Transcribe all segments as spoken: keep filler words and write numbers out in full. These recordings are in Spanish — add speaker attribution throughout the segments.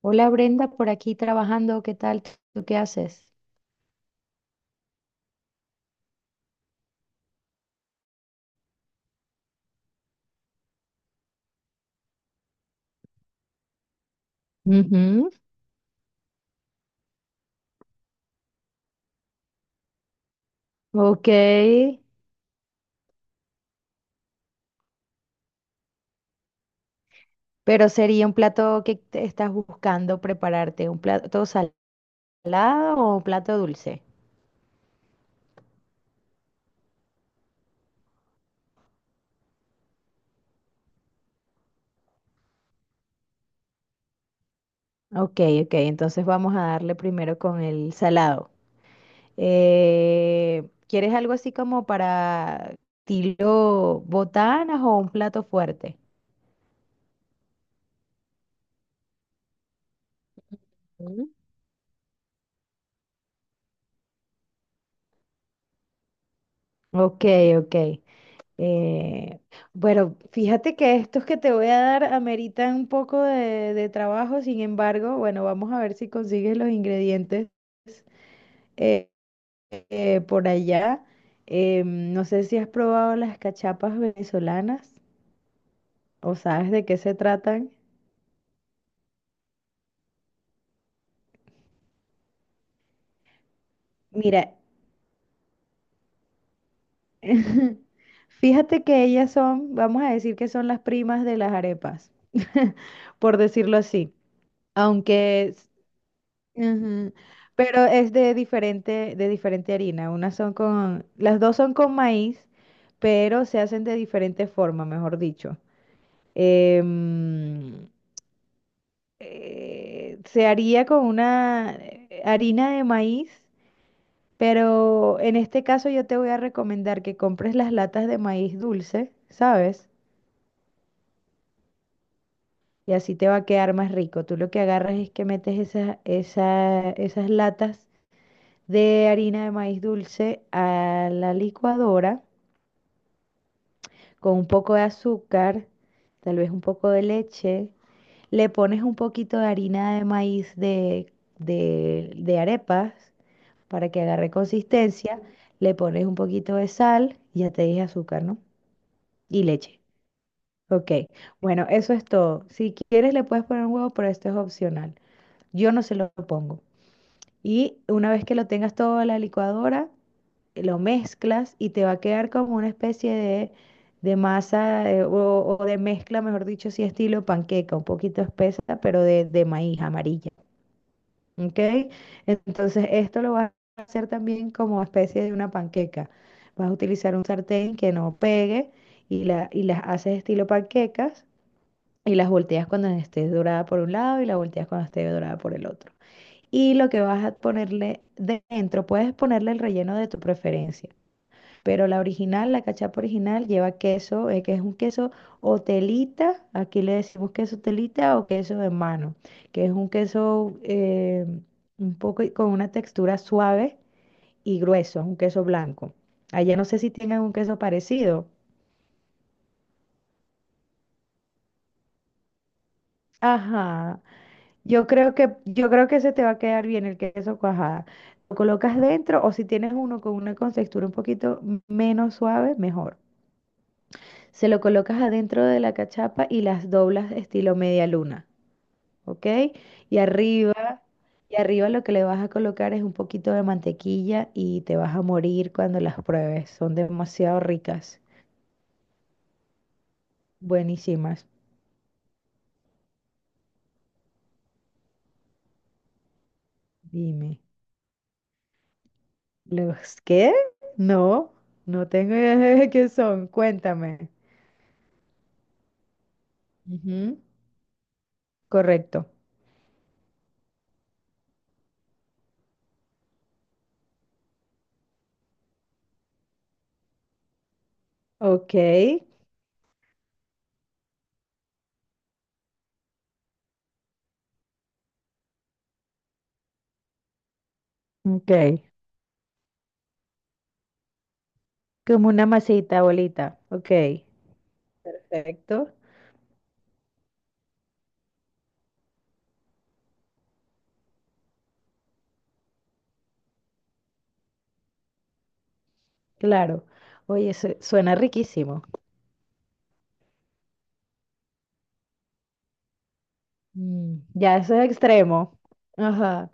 Speaker 1: Hola Brenda, por aquí trabajando, ¿qué tal? ¿Tú qué haces? Ujú. Ok, pero sería un plato que te estás buscando prepararte, ¿un plato salado o un plato dulce? Ok, ok, entonces vamos a darle primero con el salado. Eh, ¿quieres algo así como para estilo botanas o un plato fuerte? Mm. Ok, ok. Eh, bueno, fíjate que estos que te voy a dar ameritan un poco de, de trabajo, sin embargo, bueno, vamos a ver si consigues los ingredientes eh, eh, por allá. Eh, no sé si has probado las cachapas venezolanas o sabes de qué se tratan. Mira, fíjate que ellas son, vamos a decir que son las primas de las arepas, por decirlo así. Aunque ujú. Pero es de diferente, de diferente harina. Unas son con, las dos son con maíz, pero se hacen de diferente forma, mejor dicho. Em, eh, Se haría con una eh, harina de maíz, pero en este caso yo te voy a recomendar que compres las latas de maíz dulce, ¿sabes? Y así te va a quedar más rico. Tú lo que agarras es que metes esas, esa- esas latas de harina de maíz dulce a la licuadora con un poco de azúcar, tal vez un poco de leche. Le pones un poquito de harina de maíz de, de, de arepas para que agarre consistencia. Le pones un poquito de sal, ya te dije azúcar, ¿no? Y leche. Ok, bueno, eso es todo. Si quieres le puedes poner huevo, pero esto es opcional. Yo no se lo pongo. Y una vez que lo tengas todo en la licuadora, eh, lo mezclas y te va a quedar como una especie de, de masa eh, o, o de mezcla, mejor dicho, sí, estilo panqueca, un poquito espesa, pero de, de maíz amarilla. ¿Ok? Entonces, esto lo vas a hacer también como especie de una panqueca. Vas a utilizar un sartén que no pegue y, la, y las haces estilo panquecas y las volteas cuando esté dorada por un lado y las volteas cuando esté dorada por el otro y lo que vas a ponerle dentro. Puedes ponerle el relleno de tu preferencia, pero la original, la cachapa original, lleva queso, eh, que es un queso o telita, aquí le decimos queso telita o queso de mano, que es un queso eh, un poco con una textura suave y grueso, un queso blanco. Allá no sé si tengan un queso parecido. Ajá. Yo creo que, yo creo que se te va a quedar bien el queso cuajada. Lo colocas dentro o si tienes uno con una contextura un poquito menos suave, mejor. Se lo colocas adentro de la cachapa y las doblas estilo media luna, ¿ok? Y arriba, y arriba lo que le vas a colocar es un poquito de mantequilla y te vas a morir cuando las pruebes. Son demasiado ricas, buenísimas. Dime, ¿los qué? No, no tengo idea de qué son. Cuéntame. Ujú. Correcto. Ok. Ok. Como una masita bolita. Ok. Perfecto. Claro. Oye, su- suena riquísimo. Mm, ya eso es extremo. Ajá.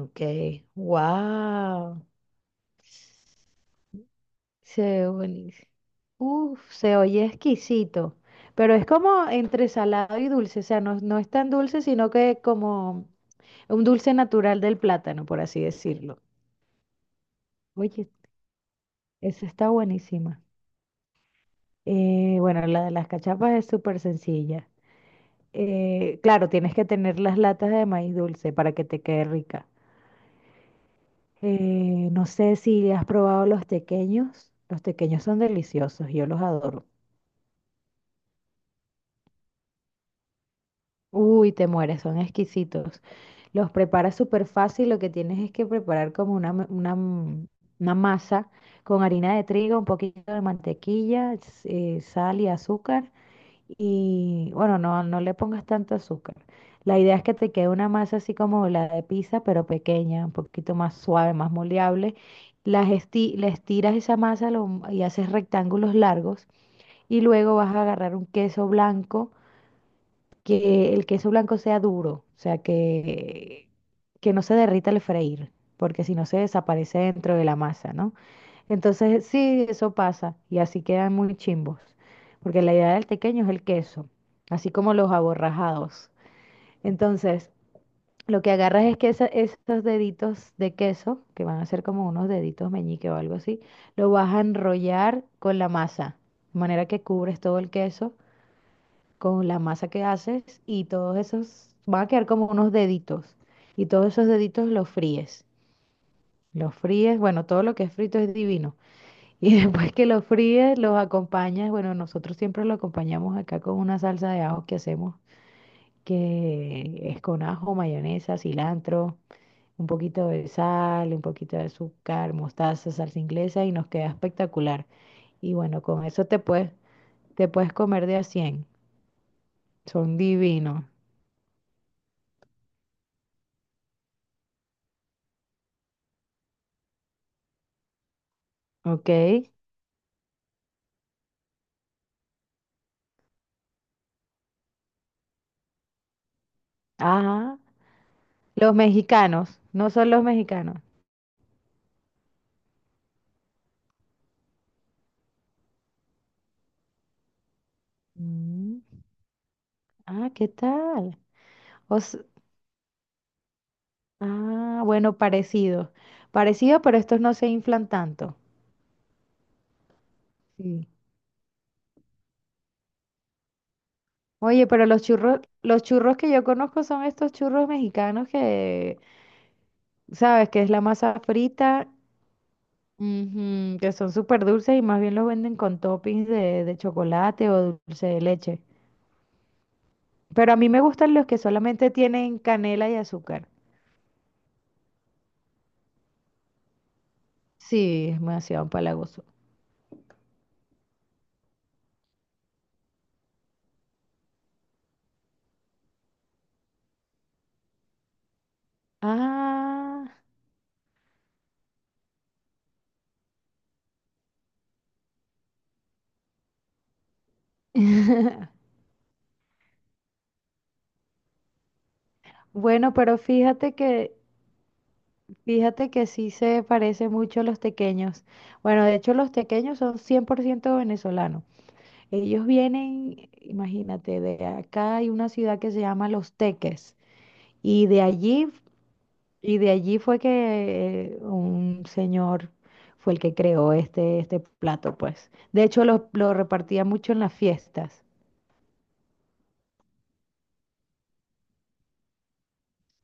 Speaker 1: Ok. Wow. Se ve buenísimo. Uf, se oye exquisito. Pero es como entre salado y dulce. O sea, no, no es tan dulce, sino que como un dulce natural del plátano, por así decirlo. Oye, esa está buenísima. Eh, bueno, la de las cachapas es súper sencilla. Eh, claro, tienes que tener las latas de maíz dulce para que te quede rica. Eh, no sé si has probado los tequeños. Los tequeños son deliciosos, yo los adoro. Uy, te mueres, son exquisitos. Los preparas súper fácil, lo que tienes es que preparar como una, ma- una, mm, una masa con harina de trigo, un poquito de mantequilla, s- eh, sal y azúcar. Y bueno, no, no le pongas tanto azúcar. La idea es que te quede una masa así como la de pizza, pero pequeña, un poquito más suave, más moldeable. Las esti- le estiras esa masa lo- y haces rectángulos largos. Y luego vas a agarrar un queso blanco, que el queso blanco sea duro, o sea, que, que no se derrita al freír, porque si no se desaparece dentro de la masa, ¿no? Entonces, sí, eso pasa y así quedan muy chimbos, porque la idea del tequeño es el queso, así como los aborrajados. Entonces, lo que agarras es que esa- esos deditos de queso, que van a ser como unos deditos meñique o algo así, lo vas a enrollar con la masa, de manera que cubres todo el queso con la masa que haces y todos esos van a quedar como unos deditos y todos esos deditos los fríes. Los fríes, bueno, todo lo que es frito es divino y después que los fríes, los acompañas. Bueno, nosotros siempre lo acompañamos acá con una salsa de ajo que hacemos, que es con ajo, mayonesa, cilantro, un poquito de sal, un poquito de azúcar, mostaza, salsa inglesa y nos queda espectacular. Y bueno, con eso te puedes, te puedes comer de a cien. Son divinos, ¿ok? Ajá. Los mexicanos, no son los mexicanos. Mm, ah, ¿qué tal? O ah, bueno, parecido. Parecido, pero estos no se inflan tanto. Sí. Oye, pero los churros, los churros que yo conozco son estos churros mexicanos que, sabes, que es la masa frita, ujú, que son súper dulces y más bien los venden con toppings de, de chocolate o dulce de leche. Pero a mí me gustan los que solamente tienen canela y azúcar. Sí, es demasiado empalagoso. Ah. Bueno, pero fíjate que fíjate que sí se parece mucho a los tequeños. Bueno, de hecho los tequeños son cien por ciento venezolanos. Ellos vienen, imagínate, de acá hay una ciudad que se llama Los Teques y de allí y de allí fue que eh, un señor fue el que creó este este plato, pues. De hecho lo, lo repartía mucho en las fiestas.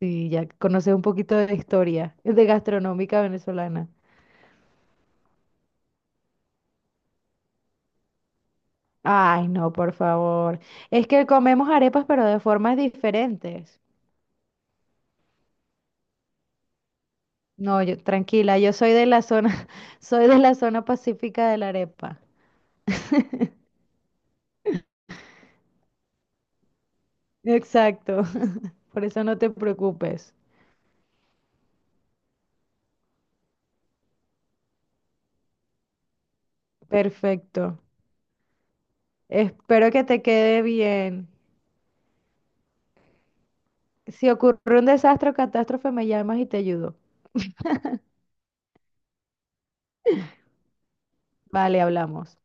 Speaker 1: Sí, ya conoces un poquito de la historia de gastronómica venezolana. Ay, no, por favor. Es que comemos arepas, pero de formas diferentes. No, yo, tranquila, yo soy de la zona, soy de la zona pacífica de la arepa. Exacto. Por eso no te preocupes. Perfecto. Espero que te quede bien. Si ocurre un desastre o catástrofe, me llamas y te ayudo. Vale, hablamos.